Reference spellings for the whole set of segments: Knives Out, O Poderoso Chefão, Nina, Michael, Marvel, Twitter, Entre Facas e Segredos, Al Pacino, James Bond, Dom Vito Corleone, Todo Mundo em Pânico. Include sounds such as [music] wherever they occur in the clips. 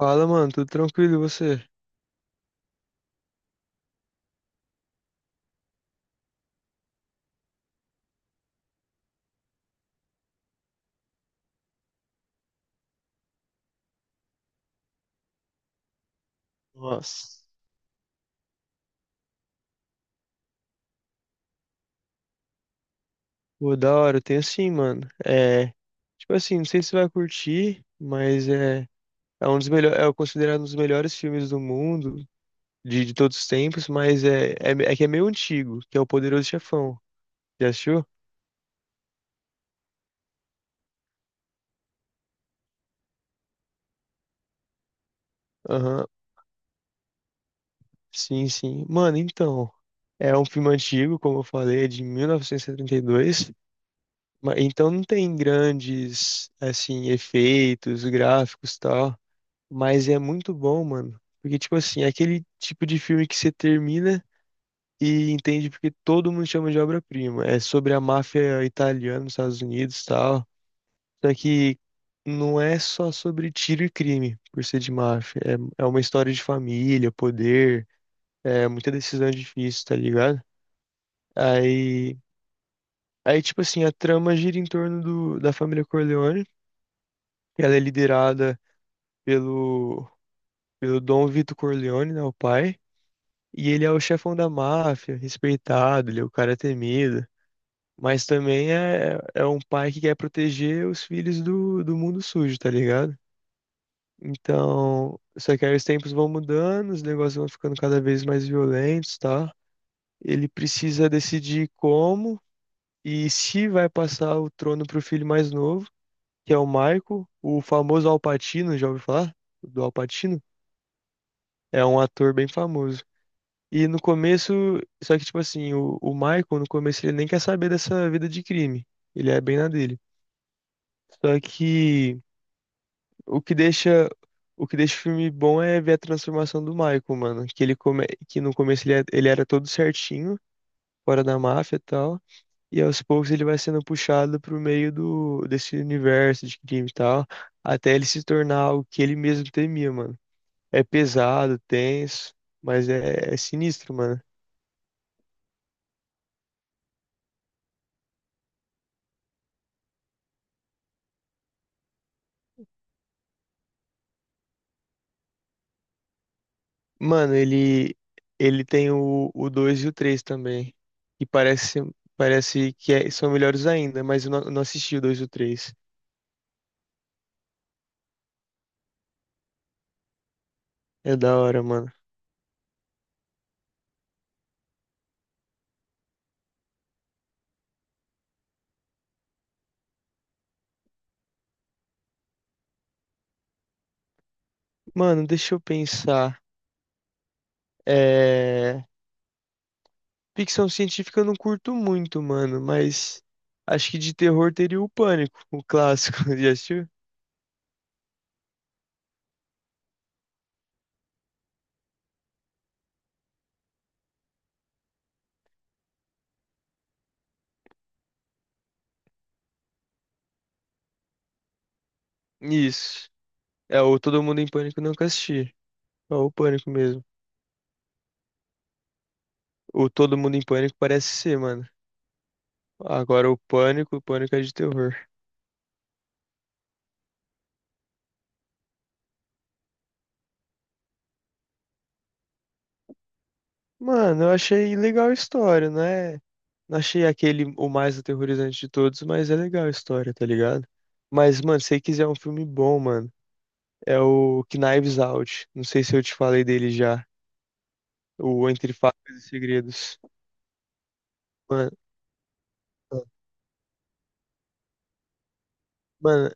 Fala, mano, tudo tranquilo e você? Nossa. Pô, da hora, eu tenho sim, mano. Tipo assim, não sei se você vai curtir, é um dos melhores, é considerado um dos melhores filmes do mundo, de todos os tempos, mas que é meio antigo, que é O Poderoso Chefão. Já assistiu? Aham, sim, sim. Mano, então, é um filme antigo, como eu falei, é de 1972, então não tem grandes, assim, efeitos gráficos e tal. Mas é muito bom, mano. Porque, tipo assim, é aquele tipo de filme que você termina e entende porque todo mundo chama de obra-prima. É sobre a máfia italiana nos Estados Unidos e tal. Só que não é só sobre tiro e crime, por ser de máfia. É uma história de família, poder, é muita decisão difícil, tá ligado? Aí, aí tipo assim, a trama gira em torno da família Corleone. Ela é liderada pelo, pelo Dom Vito Corleone, né, o pai. E ele é o chefão da máfia, respeitado, ele é o cara temido. Mas também é um pai que quer proteger os filhos do mundo sujo, tá ligado? Então, só que aí os tempos vão mudando, os negócios vão ficando cada vez mais violentos, tá? Ele precisa decidir como e se vai passar o trono pro filho mais novo, que é o Michael, o famoso Al Pacino, já ouviu falar? Do Al Pacino? É um ator bem famoso. E no começo, só que tipo assim, o Michael no começo ele nem quer saber dessa vida de crime. Ele é bem na dele. Só que o que deixa o que deixa o filme bom é ver a transformação do Michael, mano, que no começo ele era todo certinho, fora da máfia e tal, e aos poucos ele vai sendo puxado pro meio do desse universo de crime e tal, até ele se tornar o que ele mesmo temia, mano. É pesado, tenso, mas é sinistro, mano. Mano, ele tem o 2 e o 3 também. E parece que são melhores ainda, mas eu não assisti o 2 e o três. É da hora, mano. Mano, deixa eu pensar. É... Ficção científica eu não curto muito, mano, mas acho que de terror teria o Pânico, o clássico. [laughs] Já assistiu? Isso. É, o Todo Mundo em Pânico eu nunca assisti. É o Pânico mesmo. O Todo Mundo em Pânico parece ser, mano. Agora o Pânico é de terror. Mano, eu achei legal a história, não é? Não achei aquele o mais aterrorizante de todos, mas é legal a história, tá ligado? Mas, mano, se você quiser um filme bom, mano, é o Knives Out. Não sei se eu te falei dele já. O Entre Facas e Segredos. Mano, mano,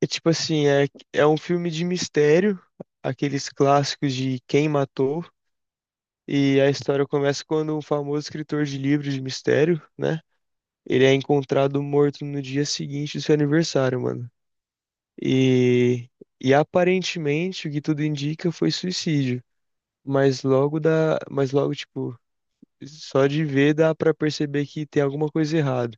é tipo assim, é um filme de mistério, aqueles clássicos de quem matou. E a história começa quando um famoso escritor de livros de mistério, né? Ele é encontrado morto no dia seguinte do seu aniversário, mano. E, e aparentemente o que tudo indica foi suicídio, mas logo tipo, só de ver dá pra perceber que tem alguma coisa errada.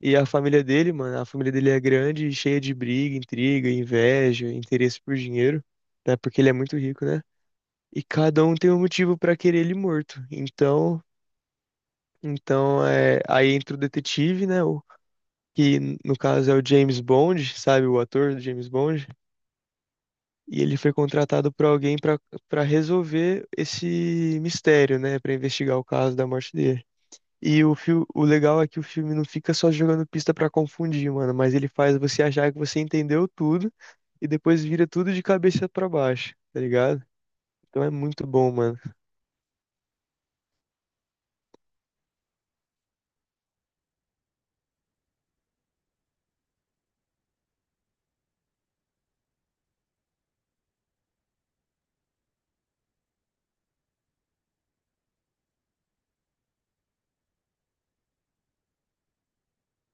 E a família dele, mano, a família dele é grande, e cheia de briga, intriga, inveja, interesse por dinheiro, né? Porque ele é muito rico, né? E cada um tem um motivo pra querer ele morto. Então é, aí entra o detetive, né? Que no caso é o James Bond, sabe? O ator do James Bond. E ele foi contratado por alguém para resolver esse mistério, né? Para investigar o caso da morte dele. E o legal é que o filme não fica só jogando pista para confundir, mano, mas ele faz você achar que você entendeu tudo e depois vira tudo de cabeça para baixo, tá ligado? Então é muito bom, mano.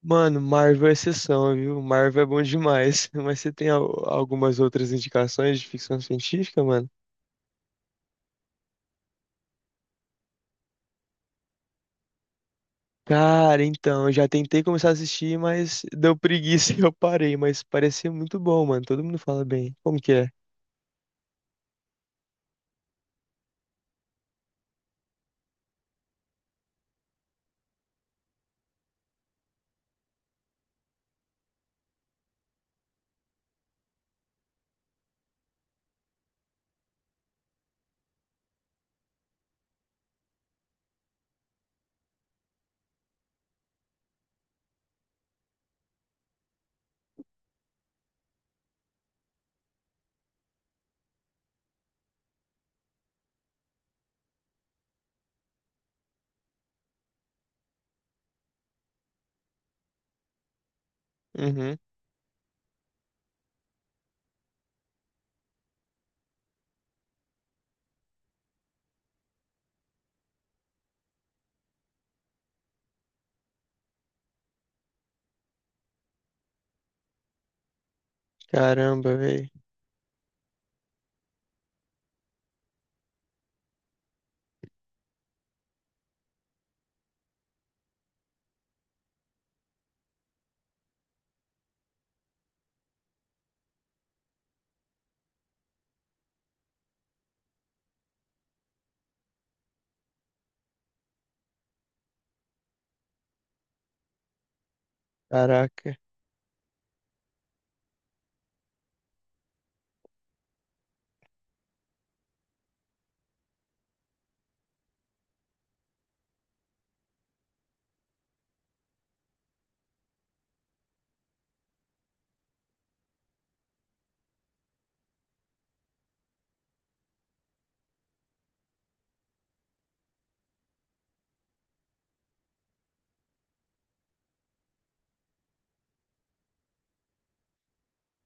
Mano, Marvel é exceção, viu? Marvel é bom demais. [laughs] Mas você tem algumas outras indicações de ficção científica, mano? Cara, então, eu já tentei começar a assistir, mas deu preguiça [laughs] e eu parei, mas parecia muito bom, mano. Todo mundo fala bem. Como que é? Uhum. Caramba, velho. Caraca.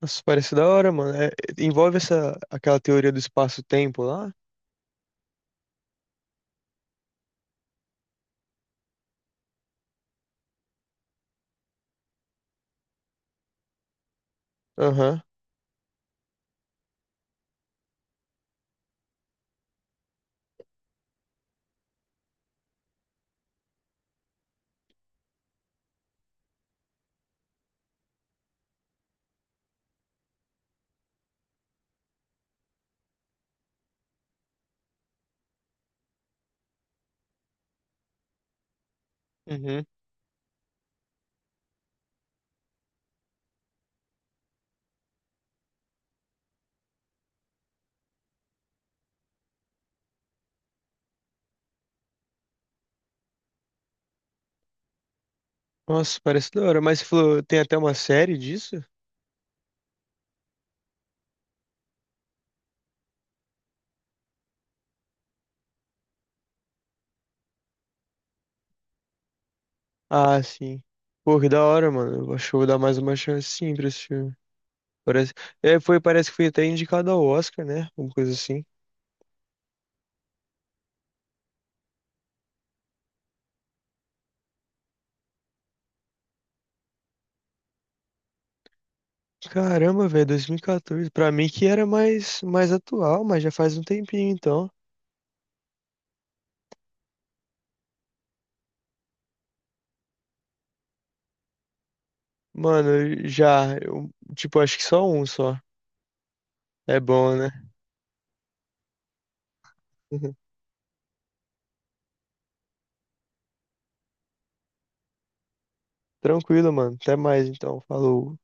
Nossa, parece da hora, mano. Envolve essa aquela teoria do espaço-tempo lá? Aham. Uhum. Nossa, parece da hora. Mas você falou, tem até uma série disso? Ah, sim. Pô, que da hora, mano. Eu acho que eu vou dar mais uma chance sim pra esse filme. Parece... parece que foi até indicado ao Oscar, né? Alguma coisa assim. Caramba, velho, 2014. Pra mim que era mais atual, mas já faz um tempinho então. Mano, eu já, eu, tipo, acho que só um só. É bom, né? [laughs] Tranquilo, mano. Até mais então. Falou.